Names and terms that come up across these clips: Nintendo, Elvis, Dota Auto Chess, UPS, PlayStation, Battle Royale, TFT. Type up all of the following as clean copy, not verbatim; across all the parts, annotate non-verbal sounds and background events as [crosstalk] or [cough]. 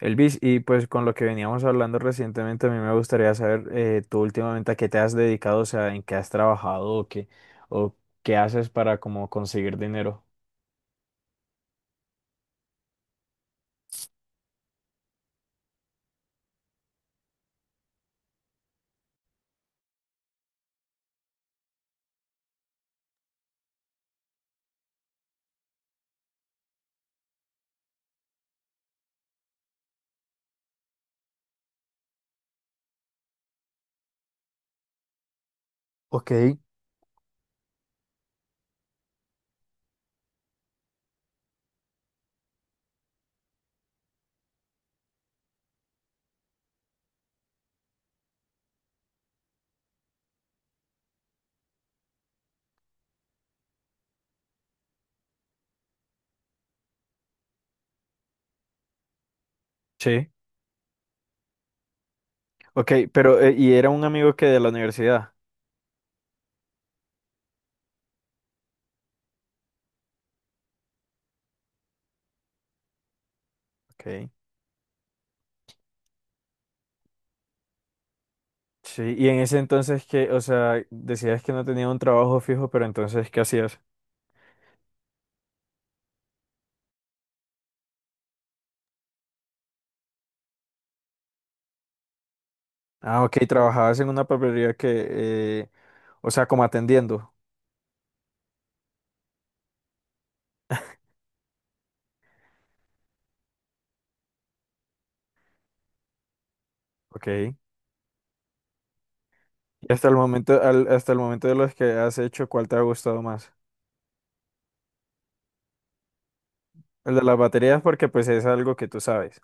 Elvis, y pues con lo que veníamos hablando recientemente, a mí me gustaría saber tú últimamente a qué te has dedicado, o sea, en qué has trabajado o qué haces para como conseguir dinero. Ok. Sí. Ok, pero y era un amigo que de la universidad. Ok. Sí, y en ese entonces que, o sea, decías que no tenía un trabajo fijo, pero entonces, ¿qué hacías? Ah, ok, trabajabas en una papelería que, o sea, como atendiendo. Ok. Y hasta el momento, hasta el momento de los que has hecho, ¿cuál te ha gustado más? El de las baterías porque pues es algo que tú sabes.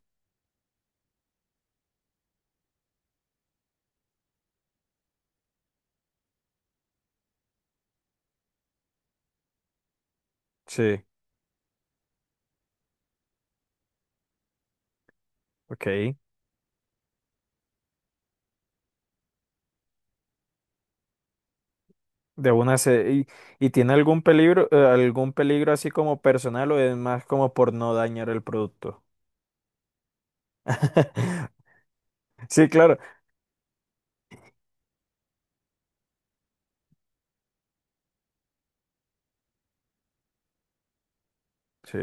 Sí, ok. De una se... ¿Y, y tiene algún peligro así como personal o es más como por no dañar el producto? [laughs] Sí, claro. Sí.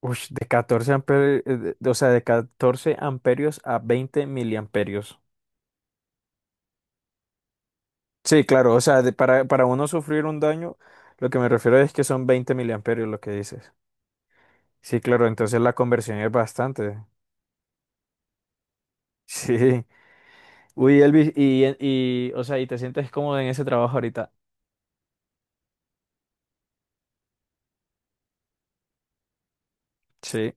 Uy, de 14 amperios, o sea, de 14 amperios a 20 miliamperios. Sí, claro, o sea, para uno sufrir un daño, lo que me refiero es que son 20 miliamperios lo que dices. Sí, claro, entonces la conversión es bastante. [laughs] Sí. Uy, Elvis, y, y, o sea, y te sientes cómodo en ese trabajo ahorita. Sí.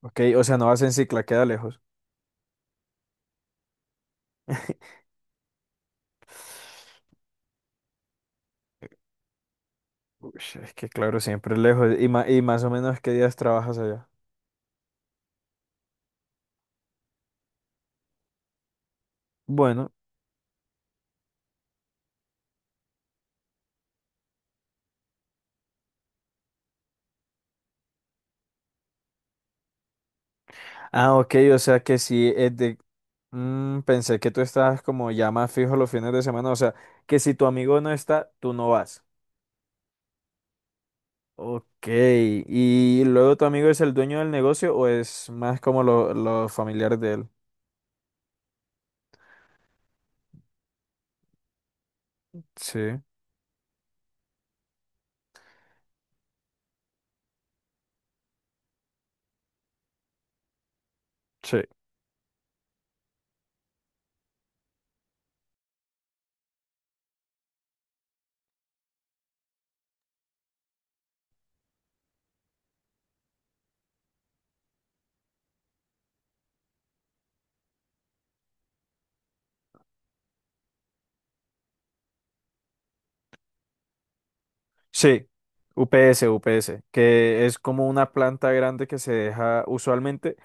Ok, o sea, no vas en cicla, queda lejos. [laughs] Uy, es que claro, siempre es lejos. Y, y más o menos, ¿qué días trabajas allá? Bueno. Ah, ok, o sea que si es de... Mm, pensé que tú estabas como ya más fijo los fines de semana, o sea, que si tu amigo no está, tú no vas. Ok, ¿y luego tu amigo es el dueño del negocio o es más como los familiares de él? Sí. Sí. Sí, UPS, UPS, que es como una planta grande que se deja usualmente,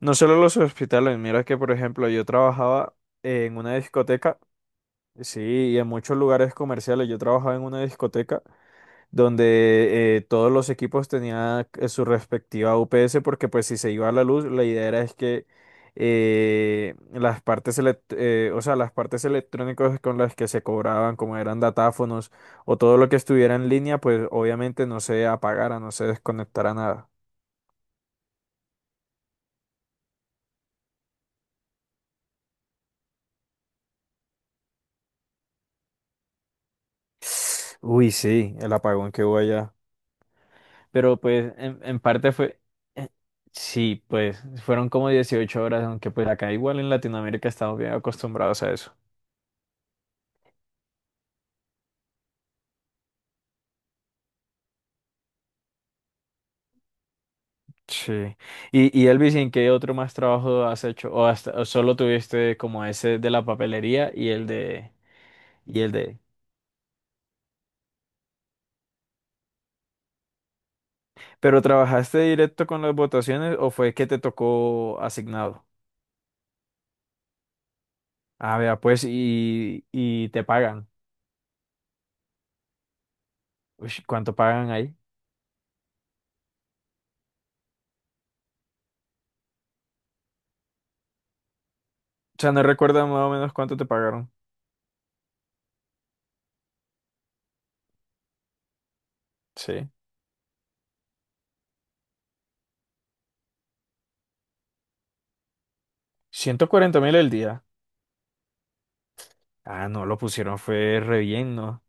no solo los hospitales, mira que por ejemplo yo trabajaba en una discoteca, sí, y en muchos lugares comerciales, yo trabajaba en una discoteca donde todos los equipos tenían su respectiva UPS porque pues si se iba a la luz, la idea era es que las partes o sea, las partes electrónicas con las que se cobraban, como eran datáfonos o todo lo que estuviera en línea, pues obviamente no se apagara, no se desconectara nada. Uy, sí, el apagón que hubo allá. Pero pues en parte fue, eh, sí, pues fueron como 18 horas, aunque pues acá igual en Latinoamérica estamos bien acostumbrados a eso. Sí. Y Elvis, ¿en qué otro más trabajo has hecho? ¿O hasta o solo tuviste como ese de la papelería y el de ¿Pero trabajaste directo con las votaciones o fue que te tocó asignado? Ah, vea, pues y te pagan. Uy, ¿cuánto pagan ahí? O sea, no recuerdo más o menos cuánto te pagaron. Sí. 140.000 el día. Ah, no, lo pusieron, fue re bien, ¿no?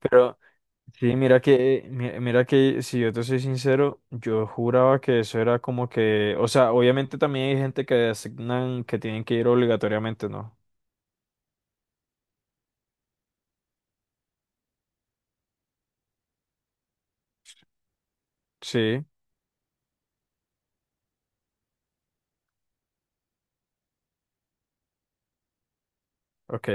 Pero sí, mira que, mira que si yo te soy sincero, yo juraba que eso era como que, o sea, obviamente también hay gente que asignan que tienen que ir obligatoriamente, ¿no? Sí, ok,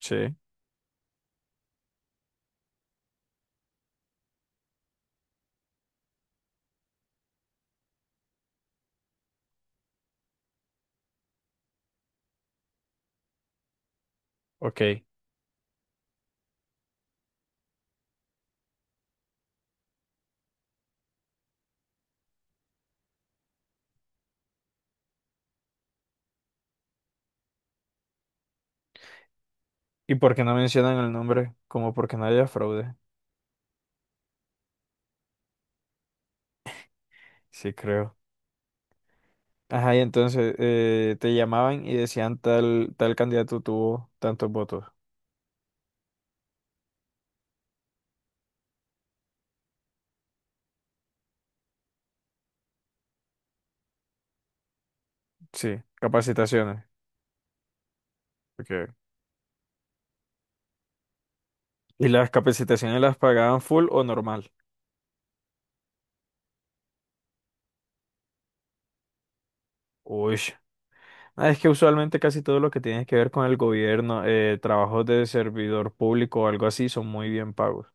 sí, ok. ¿Y por qué no mencionan el nombre? Como porque no haya fraude. Sí, creo. Ajá, y entonces te llamaban y decían tal, tal candidato tuvo tantos votos. Sí, capacitaciones. Okay. ¿Y las capacitaciones las pagaban full o normal? Uy. Ah, es que usualmente casi todo lo que tiene que ver con el gobierno, trabajos de servidor público o algo así, son muy bien pagos.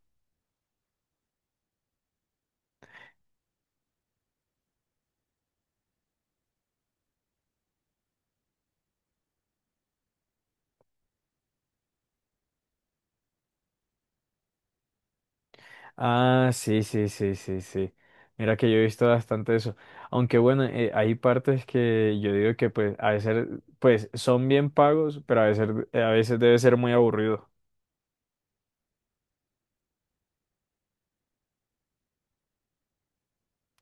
Ah, sí, sí, sí, sí, sí. Mira que yo he visto bastante eso. Aunque bueno, hay partes que yo digo que pues a veces pues son bien pagos, pero a veces debe ser muy aburrido.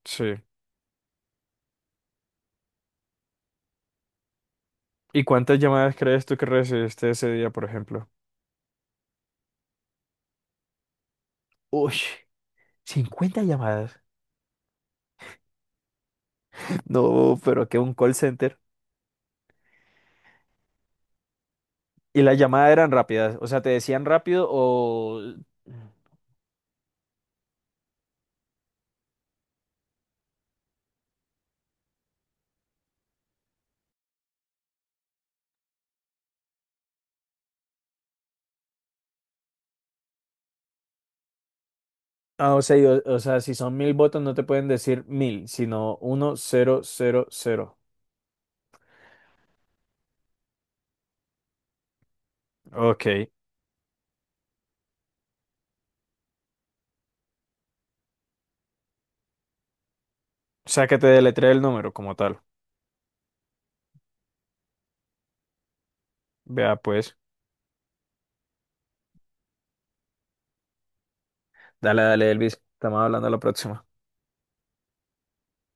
Sí. ¿Y cuántas llamadas crees tú que recibiste ese día, por ejemplo? Uy, 50 llamadas. No, pero que un call center. Y las llamadas eran rápidas, o sea, te decían rápido o... Ah, o sea, y o sea, si son mil votos no te pueden decir mil, sino uno, cero, cero, cero. Ok, o sea que te deletrea el número como tal. Vea pues. Dale, dale, Elvis, estamos hablando a la próxima.